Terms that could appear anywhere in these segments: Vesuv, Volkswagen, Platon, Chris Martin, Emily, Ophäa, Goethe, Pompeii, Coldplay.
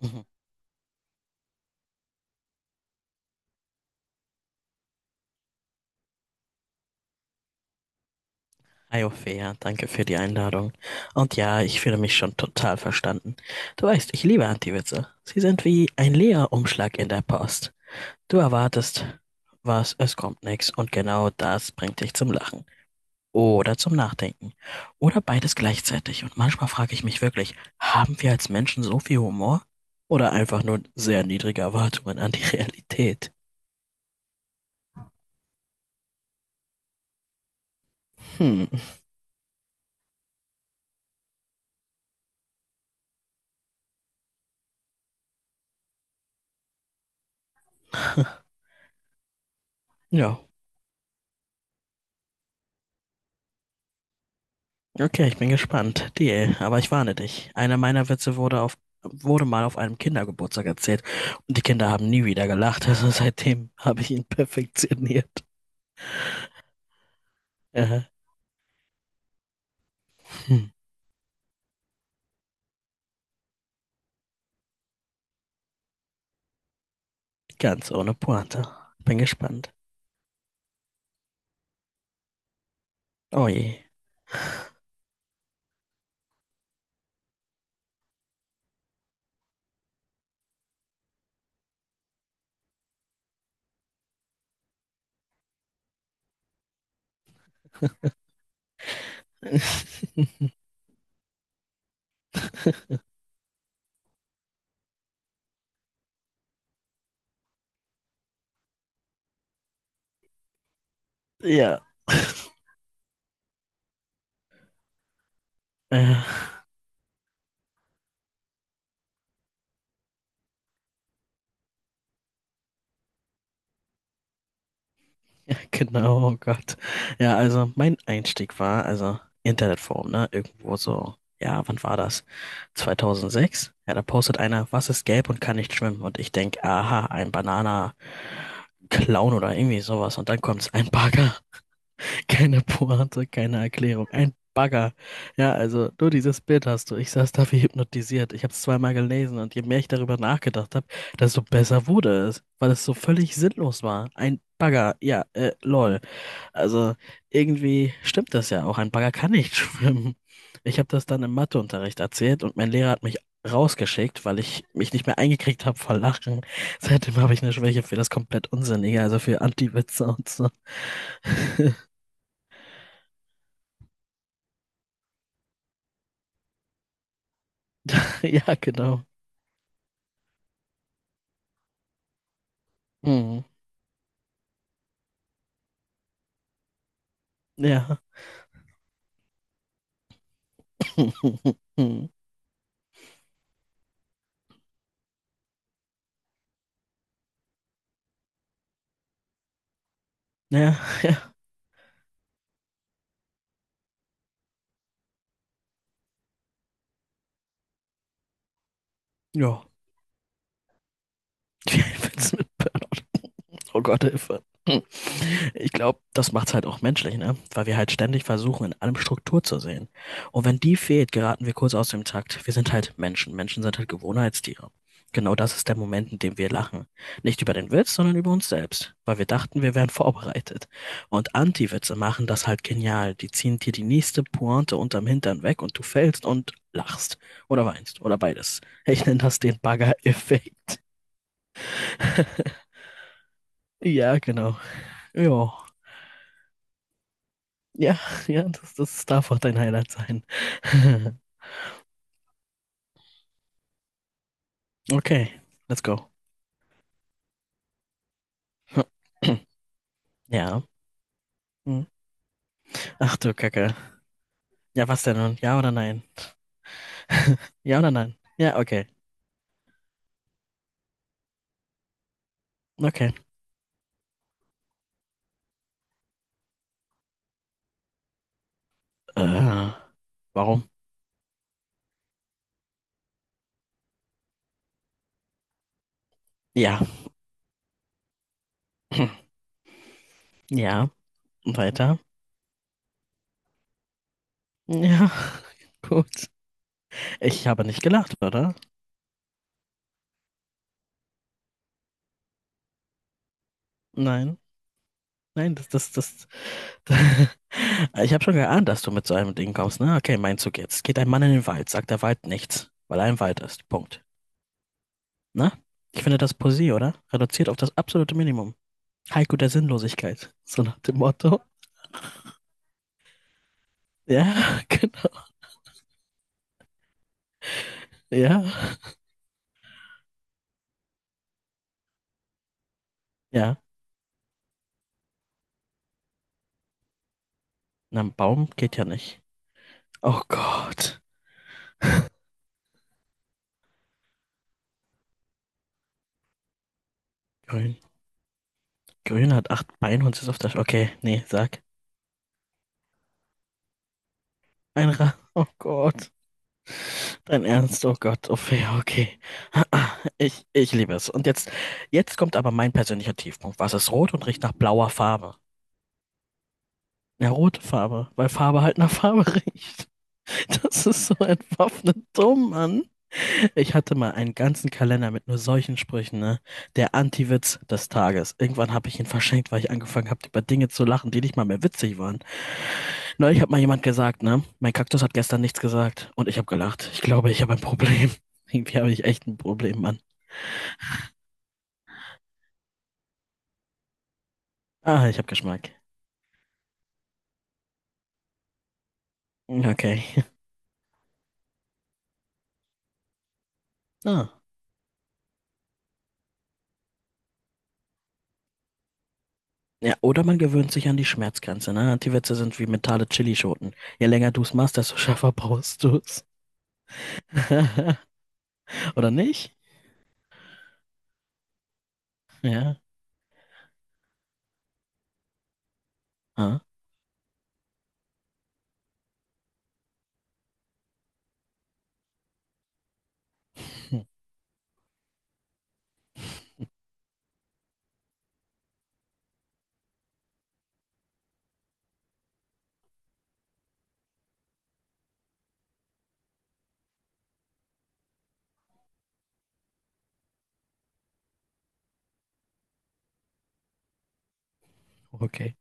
Mhm. Hi Ophäa, danke für die Einladung. Und ja, ich fühle mich schon total verstanden. Du weißt, ich liebe Anti-Witze. Sie sind wie ein Leerumschlag in der Post. Du erwartest was, es kommt nichts und genau das bringt dich zum Lachen oder zum Nachdenken oder beides gleichzeitig. Und manchmal frage ich mich wirklich, haben wir als Menschen so viel Humor? Oder einfach nur sehr niedrige Erwartungen an die Realität? Hm, ja. Okay, ich bin gespannt. Deal. Aber ich warne dich. Einer meiner Witze wurde mal auf einem Kindergeburtstag erzählt und die Kinder haben nie wieder gelacht. Also seitdem habe ich ihn perfektioniert. Äh, hm, ganz ohne Pointe. Bin gespannt. Oh je. Ja. Äh. Genau, oh Gott. Ja, also mein Einstieg war, also Internetforum, ne? Irgendwo so, ja, wann war das? 2006? Ja, da postet einer, was ist gelb und kann nicht schwimmen? Und ich denke, aha, ein Banana-Clown oder irgendwie sowas. Und dann kommt ein Bagger. Keine Pointe, keine Erklärung. Ein Bagger. Ja, also nur dieses Bild hast du. Ich saß da wie hypnotisiert. Ich habe es 2-mal gelesen und je mehr ich darüber nachgedacht habe, desto besser wurde es, weil es so völlig sinnlos war. Ein Bagger, ja, lol. Also irgendwie stimmt das ja auch. Ein Bagger kann nicht schwimmen. Ich habe das dann im Matheunterricht erzählt und mein Lehrer hat mich rausgeschickt, weil ich mich nicht mehr eingekriegt habe vor Lachen. Seitdem habe ich eine Schwäche für das komplett Unsinnige, also für Anti-Witze und so. Ja, genau. Hm. Ja. Hm. Ja, ja. Ja. Wie ein Witz mit P. Oh Gott, Hilfe. Hm. Ich glaube, das macht's halt auch menschlich, ne? Weil wir halt ständig versuchen, in allem Struktur zu sehen. Und wenn die fehlt, geraten wir kurz aus dem Takt. Wir sind halt Menschen. Menschen sind halt Gewohnheitstiere. Genau das ist der Moment, in dem wir lachen. Nicht über den Witz, sondern über uns selbst. Weil wir dachten, wir wären vorbereitet. Und Anti-Witze machen das halt genial. Die ziehen dir die nächste Pointe unterm Hintern weg und du fällst und lachst. Oder weinst. Oder beides. Ich nenne das den Bagger-Effekt. Ja, genau. Ja. Ja, ja, das darf auch dein Highlight sein. Okay, let's go. Ja. Hm. Ach du Kacke. Ja, was denn nun? Ja oder nein? Ja oder nein? Ja, okay. Okay. Äh, warum? Ja. Ja. Weiter. Ja. Gut. Ich habe nicht gelacht, oder? Nein. Nein, das. Ich habe schon geahnt, dass du mit so einem Ding kommst, ne? Okay, mein Zug jetzt. Geht ein Mann in den Wald, sagt der Wald nichts, weil er im Wald ist. Punkt. Na? Ich finde das Poesie, oder? Reduziert auf das absolute Minimum. Haiku der Sinnlosigkeit. So nach dem Motto. Ja, genau. Ja. Ja. Na, ein Baum geht ja nicht. Oh Gott. Grün. Grün hat 8 Beine und ist auf der. Sch okay, nee, sag. Ein Ra. Oh Gott. Dein Ernst, oh Gott. Oh Fee, okay. Ich liebe es. Und jetzt kommt aber mein persönlicher Tiefpunkt. Was ist rot und riecht nach blauer Farbe? Ja, rote Farbe, weil Farbe halt nach Farbe riecht. Das ist so entwaffnet dumm, Mann. Ich hatte mal einen ganzen Kalender mit nur solchen Sprüchen, ne? Der Anti-Witz des Tages. Irgendwann habe ich ihn verschenkt, weil ich angefangen habe, über Dinge zu lachen, die nicht mal mehr witzig waren. Neulich hat mal jemand gesagt, ne? Mein Kaktus hat gestern nichts gesagt. Und ich habe gelacht. Ich glaube, ich habe ein Problem. Irgendwie habe ich echt ein Problem, Mann. Ah, ich habe Geschmack. Okay. Ah. Ja, oder man gewöhnt sich an die Schmerzgrenze, ne? Anti-Witze sind wie mentale Chilischoten. Je länger du es machst, desto schärfer brauchst du es. Oder nicht? Ja. Ah. Hm. Okay.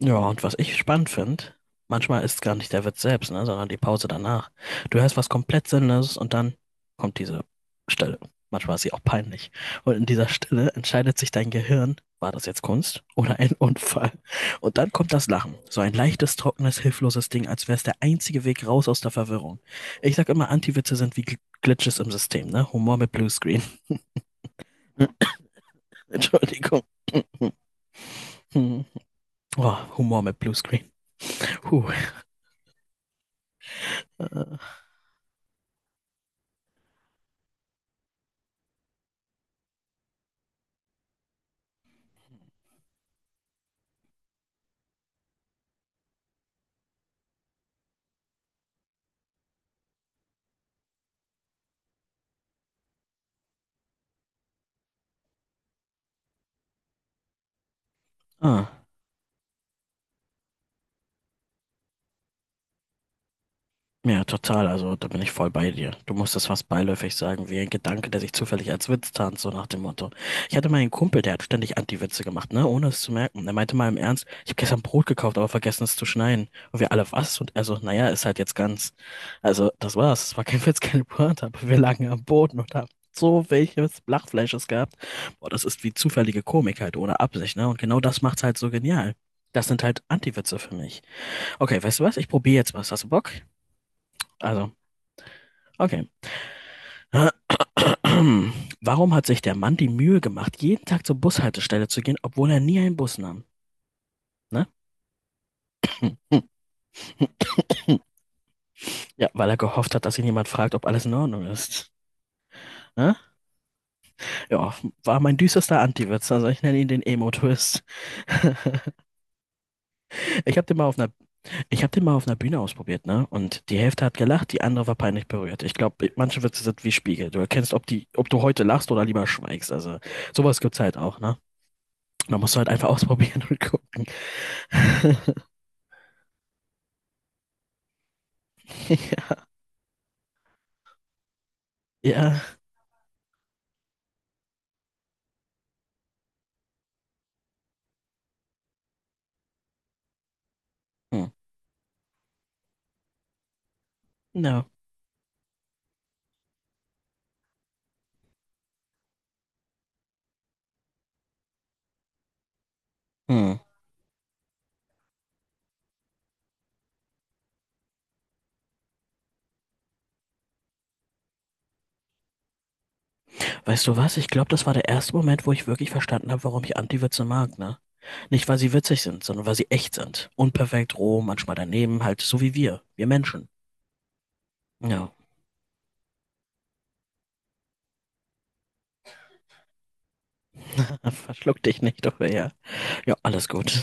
Ja, und was ich spannend finde, manchmal ist gar nicht der Witz selbst, ne, sondern die Pause danach. Du hörst was komplett Sinnloses und dann kommt diese Stille. Manchmal ist sie auch peinlich. Und in dieser Stille entscheidet sich dein Gehirn, war das jetzt Kunst oder ein Unfall? Und dann kommt das Lachen. So ein leichtes, trockenes, hilfloses Ding, als wäre es der einzige Weg raus aus der Verwirrung. Ich sag immer, Anti-Witze sind wie Glitches im System, ne? Humor mit Bluescreen. Entschuldigung. Hm. Hm. Oh, Humor mit Bluescreen. Puh. Äh, Ah. Ja, total. Also da bin ich voll bei dir. Du musst das fast beiläufig sagen, wie ein Gedanke, der sich zufällig als Witz tarnt, so nach dem Motto. Ich hatte mal einen Kumpel, der hat ständig Anti-Witze gemacht, ne, ohne es zu merken. Er meinte mal im Ernst, ich habe gestern Brot gekauft, aber vergessen es zu schneiden. Und wir alle, was? Und also, naja, ist halt jetzt ganz. Also, das war's. Es war kein Witz, keine Pointe, aber wir lagen am Boden und haben so welches Lachfleisches gehabt. Boah, das ist wie zufällige Komik halt, ohne Absicht, ne? Und genau das macht's halt so genial. Das sind halt Anti-Witze für mich. Okay, weißt du was? Ich probiere jetzt was. Hast du Bock? Also, okay. Warum hat sich der Mann die Mühe gemacht, jeden Tag zur Bushaltestelle zu gehen, obwohl er nie einen Bus nahm? Ne? Ja, weil er gehofft hat, dass ihn jemand fragt, ob alles in Ordnung ist. Ne? Ja, war mein düsterster Anti-Witz. Also ich nenne ihn den Emo-Twist. Ich habe den mal auf einer, ich habe den mal auf einer Bühne ausprobiert, ne? Und die Hälfte hat gelacht, die andere war peinlich berührt. Ich glaube, manche Witze sind wie Spiegel. Du erkennst, ob du heute lachst oder lieber schweigst. Also sowas gibt's halt auch, ne? Da musst du halt einfach ausprobieren und gucken. Ja. Hm. No. Hm. Weißt du was? Ich glaube, das war der erste Moment, wo ich wirklich verstanden habe, warum ich Anti-Witze mag, ne? Nicht, weil sie witzig sind, sondern weil sie echt sind. Unperfekt, roh, manchmal daneben, halt so wie wir. Wir Menschen. Ja. Verschluck dich nicht, oder ja. Ja, alles gut.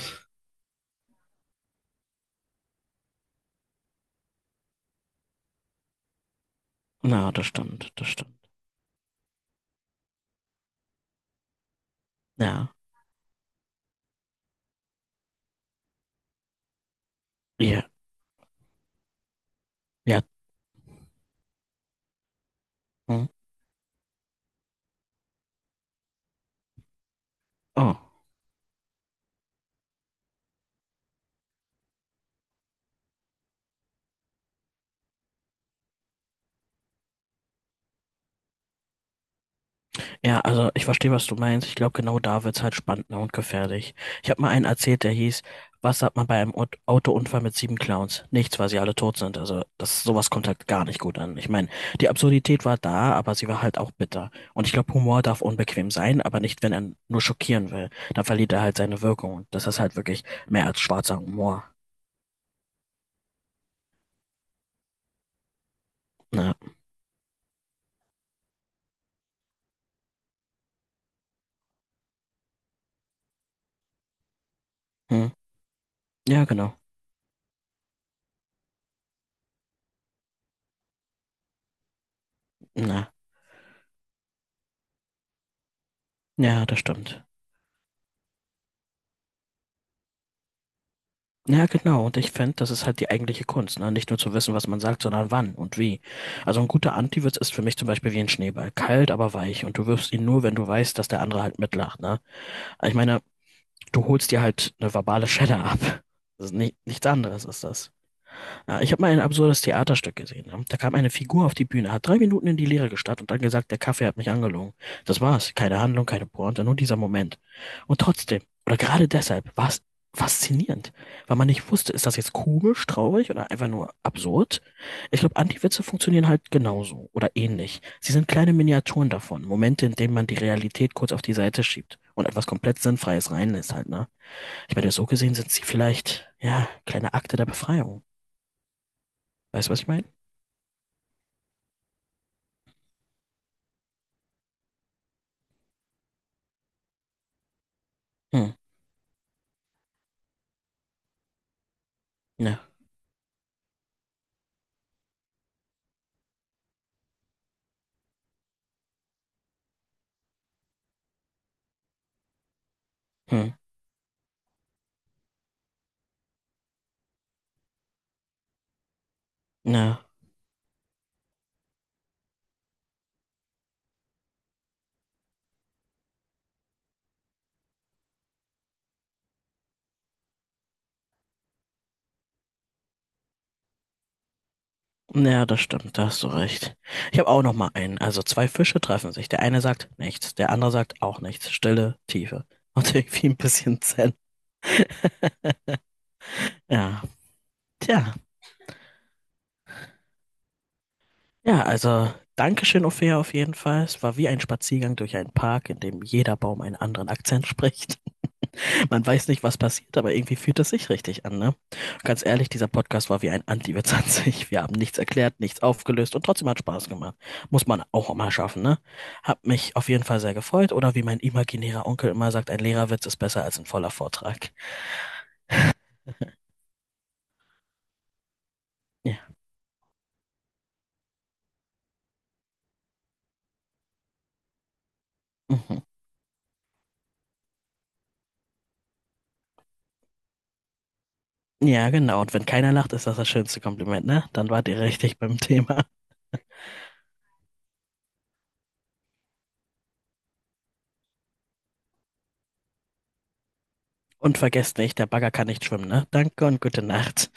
Na, das stimmt, das stimmt. Ja. Ja. Ja. Hm. Oh. Ja, also ich verstehe, was du meinst. Ich glaube, genau da wird's halt spannender und gefährlich. Ich habe mal einen erzählt, der hieß, was sagt man bei einem Autounfall mit 7 Clowns? Nichts, weil sie alle tot sind. Also sowas kommt halt gar nicht gut an. Ich meine, die Absurdität war da, aber sie war halt auch bitter. Und ich glaube, Humor darf unbequem sein, aber nicht, wenn er nur schockieren will. Dann verliert er halt seine Wirkung. Und das ist halt wirklich mehr als schwarzer Humor. Na, hm. Ja, genau. Na, ja, das stimmt. Ja, genau. Und ich finde, das ist halt die eigentliche Kunst, ne? Nicht nur zu wissen, was man sagt, sondern wann und wie. Also ein guter Antiwitz ist für mich zum Beispiel wie ein Schneeball. Kalt, aber weich. Und du wirfst ihn nur, wenn du weißt, dass der andere halt mitlacht, ne? Ich meine, du holst dir halt eine verbale Schelle ab. Das ist nicht, nichts anderes ist das. Ja, ich habe mal ein absurdes Theaterstück gesehen, ne? Da kam eine Figur auf die Bühne, hat 3 Minuten in die Leere gestarrt und dann gesagt, der Kaffee hat mich angelogen. Das war's. Keine Handlung, keine Pointe, nur dieser Moment. Und trotzdem, oder gerade deshalb, war es faszinierend, weil man nicht wusste, ist das jetzt komisch, traurig oder einfach nur absurd? Ich glaube, Anti-Witze funktionieren halt genauso oder ähnlich. Sie sind kleine Miniaturen davon, Momente, in denen man die Realität kurz auf die Seite schiebt und etwas komplett Sinnfreies reinlässt halt, ne? Ich meine, so gesehen sind sie vielleicht, ja, kleine Akte der Befreiung. Weißt du, was ich meine? Hm, ne, hm, ne. Ja, das stimmt, da hast du recht. Ich habe auch noch mal einen. Also zwei Fische treffen sich. Der eine sagt nichts, der andere sagt auch nichts. Stille, Tiefe. Und irgendwie ein bisschen Zen. Ja, tja. Ja, also Dankeschön, Ophäa, auf jeden Fall. Es war wie ein Spaziergang durch einen Park, in dem jeder Baum einen anderen Akzent spricht. Man weiß nicht, was passiert, aber irgendwie fühlt es sich richtig an, ne? Und ganz ehrlich, dieser Podcast war wie ein Anti-Witz an sich. Wir haben nichts erklärt, nichts aufgelöst und trotzdem hat Spaß gemacht. Muss man auch mal schaffen, ne? Hab mich auf jeden Fall sehr gefreut oder wie mein imaginärer Onkel immer sagt, ein Lehrerwitz ist besser als ein voller Vortrag. Ja, mhm. Ja, genau. Und wenn keiner lacht, ist das das schönste Kompliment, ne? Dann wart ihr richtig beim Thema. Und vergesst nicht, der Bagger kann nicht schwimmen, ne? Danke und gute Nacht.